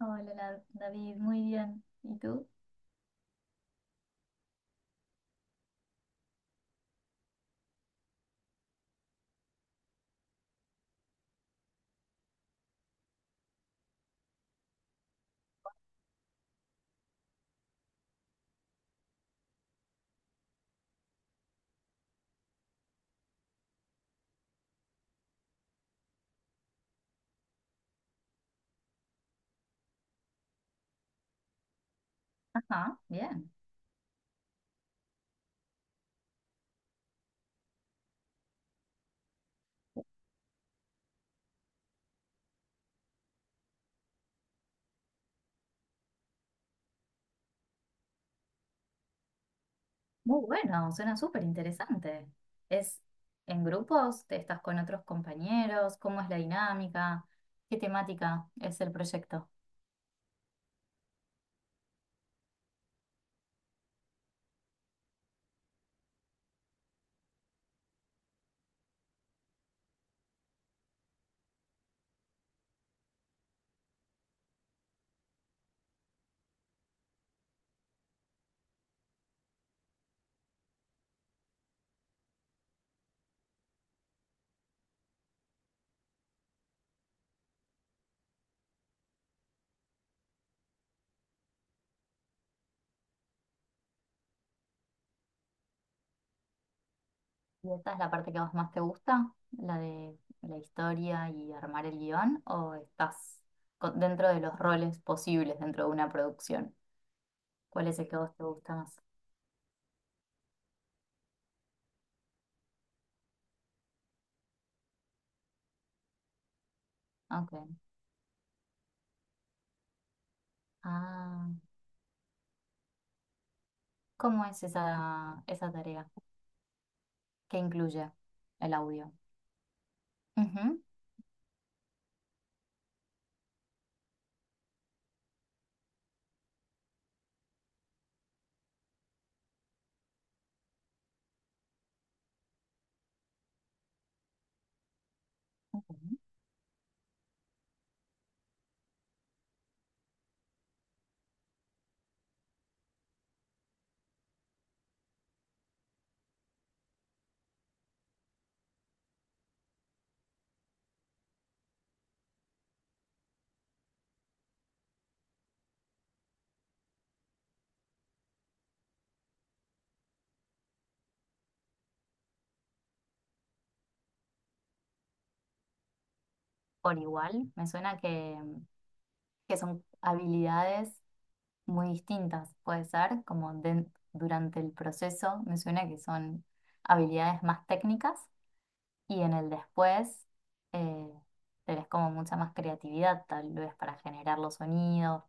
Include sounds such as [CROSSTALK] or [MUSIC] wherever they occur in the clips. Hola, David, muy bien. ¿Y tú? Ajá, bien. Muy bueno, suena súper interesante. ¿Es en grupos? ¿Te estás con otros compañeros? ¿Cómo es la dinámica? ¿Qué temática es el proyecto? ¿Y esta es la parte que a vos más te gusta? ¿La de la historia y armar el guión? ¿O estás dentro de los roles posibles dentro de una producción? ¿Cuál es el que a vos te gusta más? Ok. Ah, ¿cómo es esa tarea? ¿Qué incluye el audio? Ujú, ujú. Por igual, me suena que son habilidades muy distintas, puede ser, como durante el proceso, me suena que son habilidades más técnicas y en el después eh, tenés como mucha más creatividad, tal vez para generar los sonidos,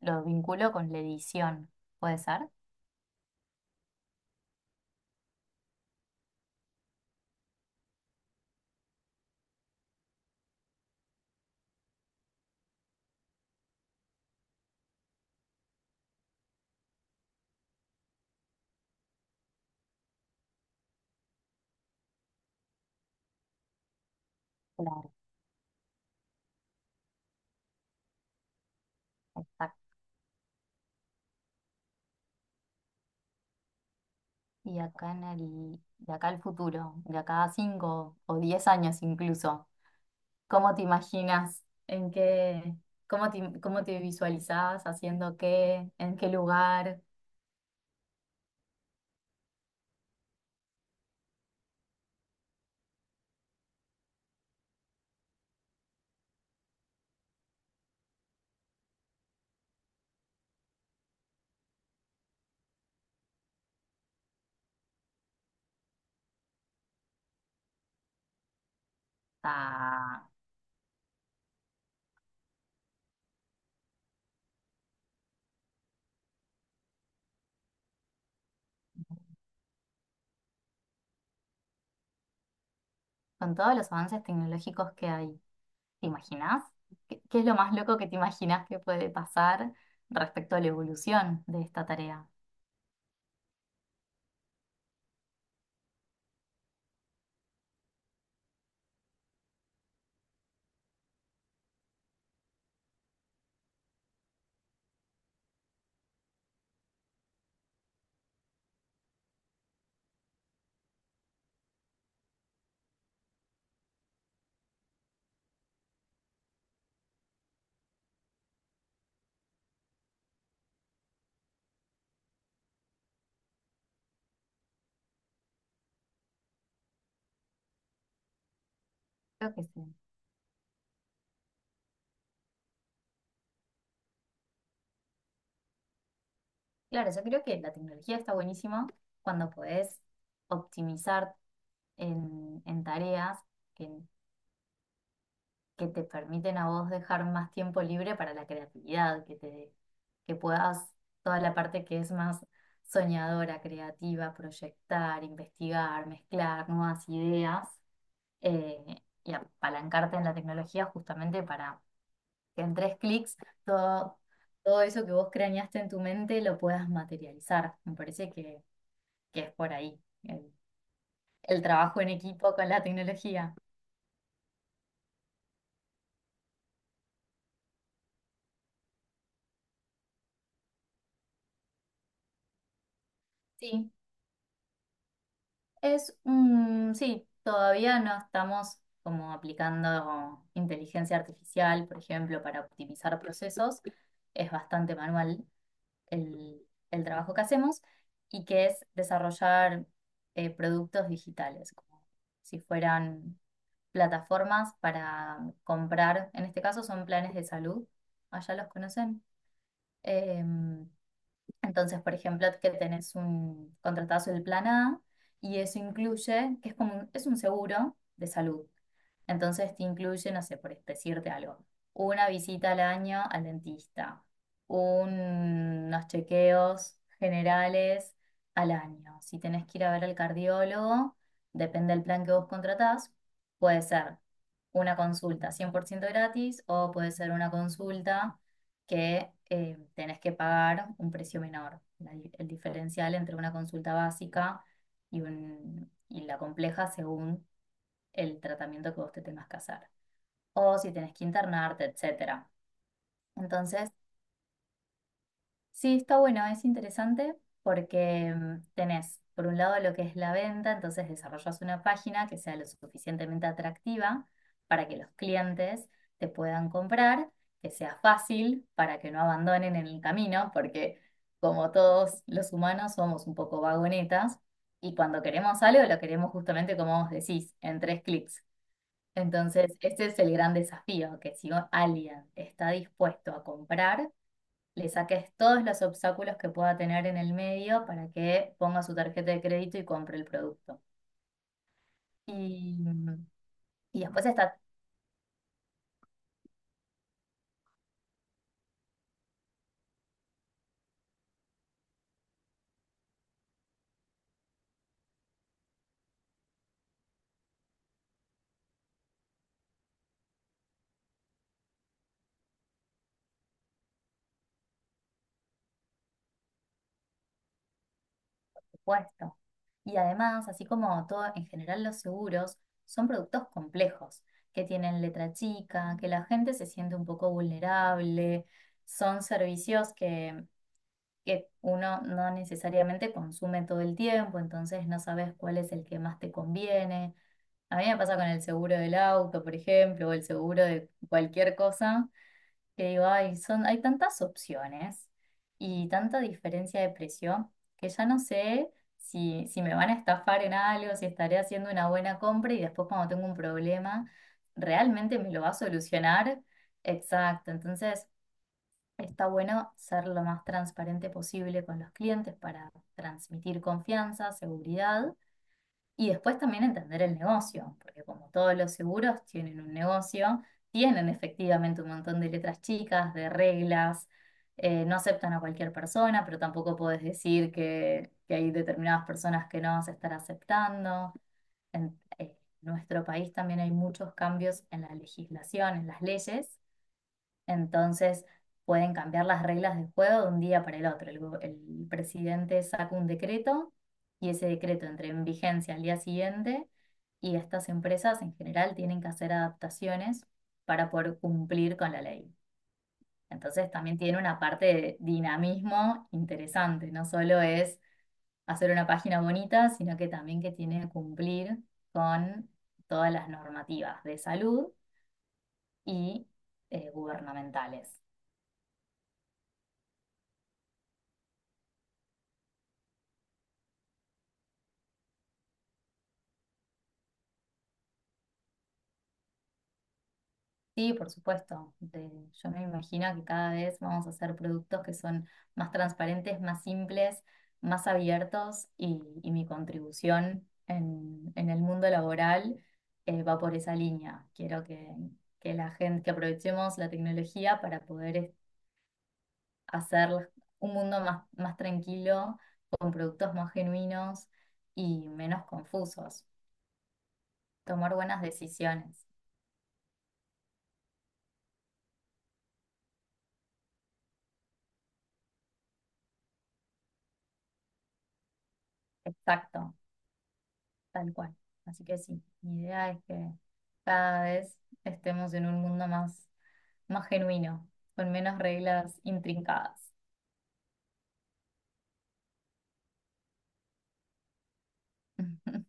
lo vinculo con la edición, puede ser. Claro, exacto. Y acá en el, de acá al futuro, de acá a 5 o 10 años incluso. ¿Cómo te imaginas? ¿En qué? ¿Cómo te visualizabas haciendo qué? ¿En qué lugar? Ah, con todos los avances tecnológicos que hay, ¿te imaginas? ¿Qué es lo más loco que te imaginas que puede pasar respecto a la evolución de esta tarea? Creo que sí. Claro, yo creo que la tecnología está buenísima cuando podés optimizar en tareas que que te permiten a vos dejar más tiempo libre para la creatividad, que puedas toda la parte que es más soñadora, creativa, proyectar, investigar, mezclar nuevas ideas y apalancarte en la tecnología justamente para que en tres clics todo, todo eso que vos craneaste en tu mente lo puedas materializar. Me parece que es por ahí el trabajo en equipo con la tecnología. Sí. Sí, todavía no estamos como aplicando inteligencia artificial, por ejemplo, para optimizar procesos. Es bastante manual el, el trabajo que hacemos y que es desarrollar productos digitales, como si fueran plataformas para comprar. En este caso son planes de salud. Allá los conocen. Em, entonces, por ejemplo, que tenés un contratazo del plan A y eso incluye, que es como, es un seguro de salud. Entonces te incluye, no sé, por decirte algo, una visita al año al dentista, un- unos chequeos generales al año. Si tenés que ir a ver al cardiólogo, depende del plan que vos contratás, puede ser una consulta 100% gratis o puede ser una consulta que tenés que pagar un precio menor. El diferencial entre una consulta básica y, y la compleja según el tratamiento que vos te tengas que hacer. O si tenés que internarte, etcétera. Entonces, sí, está bueno, es interesante porque tenés, por un lado, lo que es la venta, entonces desarrollas una página que sea lo suficientemente atractiva para que los clientes te puedan comprar, que sea fácil para que no abandonen en el camino, porque como todos los humanos somos un poco vagonetas y cuando queremos algo lo queremos justamente como vos decís, en tres clics. Entonces, ese es el gran desafío, que si alguien está dispuesto a comprar, le saques todos los obstáculos que pueda tener en el medio para que ponga su tarjeta de crédito y compre el producto. Y, y después está tu puesto. Y además, así como todo, en general los seguros son productos complejos, que tienen letra chica, que la gente se siente un poco vulnerable, son servicios que uno no necesariamente consume todo el tiempo, entonces no sabes cuál es el que más te conviene. A mí me pasa con el seguro del auto, por ejemplo, o el seguro de cualquier cosa, que digo, ay, son, hay tantas opciones y tanta diferencia de precio que ya no sé si me van a estafar en algo, si estaré haciendo una buena compra y después cuando tengo un problema, ¿realmente me lo va a solucionar? Exacto, entonces está bueno ser lo más transparente posible con los clientes para transmitir confianza, seguridad y después también entender el negocio, porque como todos los seguros tienen un negocio, tienen efectivamente un montón de letras chicas, de reglas, no aceptan a cualquier persona, pero tampoco podés decir que hay determinadas personas que no vas a estar aceptando. En Nuestro país también hay muchos cambios en la legislación, en las leyes, entonces pueden cambiar las reglas del juego de un día para el otro. El presidente saca un decreto y ese decreto entra en vigencia al día siguiente y estas empresas en general tienen que hacer adaptaciones para poder cumplir con la ley. Entonces también tiene una parte de dinamismo interesante. No solo es hacer una página bonita, sino que también que tiene que cumplir con todas las normativas de salud y gubernamentales. Sí, por supuesto. Yo me imagino que cada vez vamos a hacer productos que son más transparentes, más simples, más abiertos y mi contribución en el mundo laboral va por esa línea. Quiero que la gente, que aprovechemos la tecnología para poder hacer un mundo más, más tranquilo, con productos más genuinos y menos confusos. Tomar buenas decisiones. Exacto. Tal cual. Así que sí, mi idea es que cada vez estemos en un mundo más, más genuino, con menos reglas intrincadas. [LAUGHS]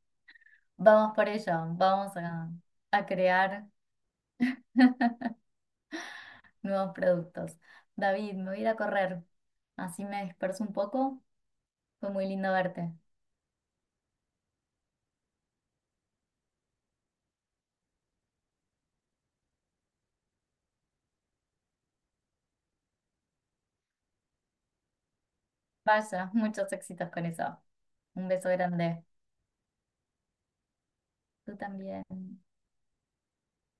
Vamos por ello, vamos a crear [LAUGHS] nuevos productos. David, me voy a ir a correr, así me disperso un poco. Fue muy lindo verte. Vaya, muchos éxitos con eso. Un beso grande. Tú también.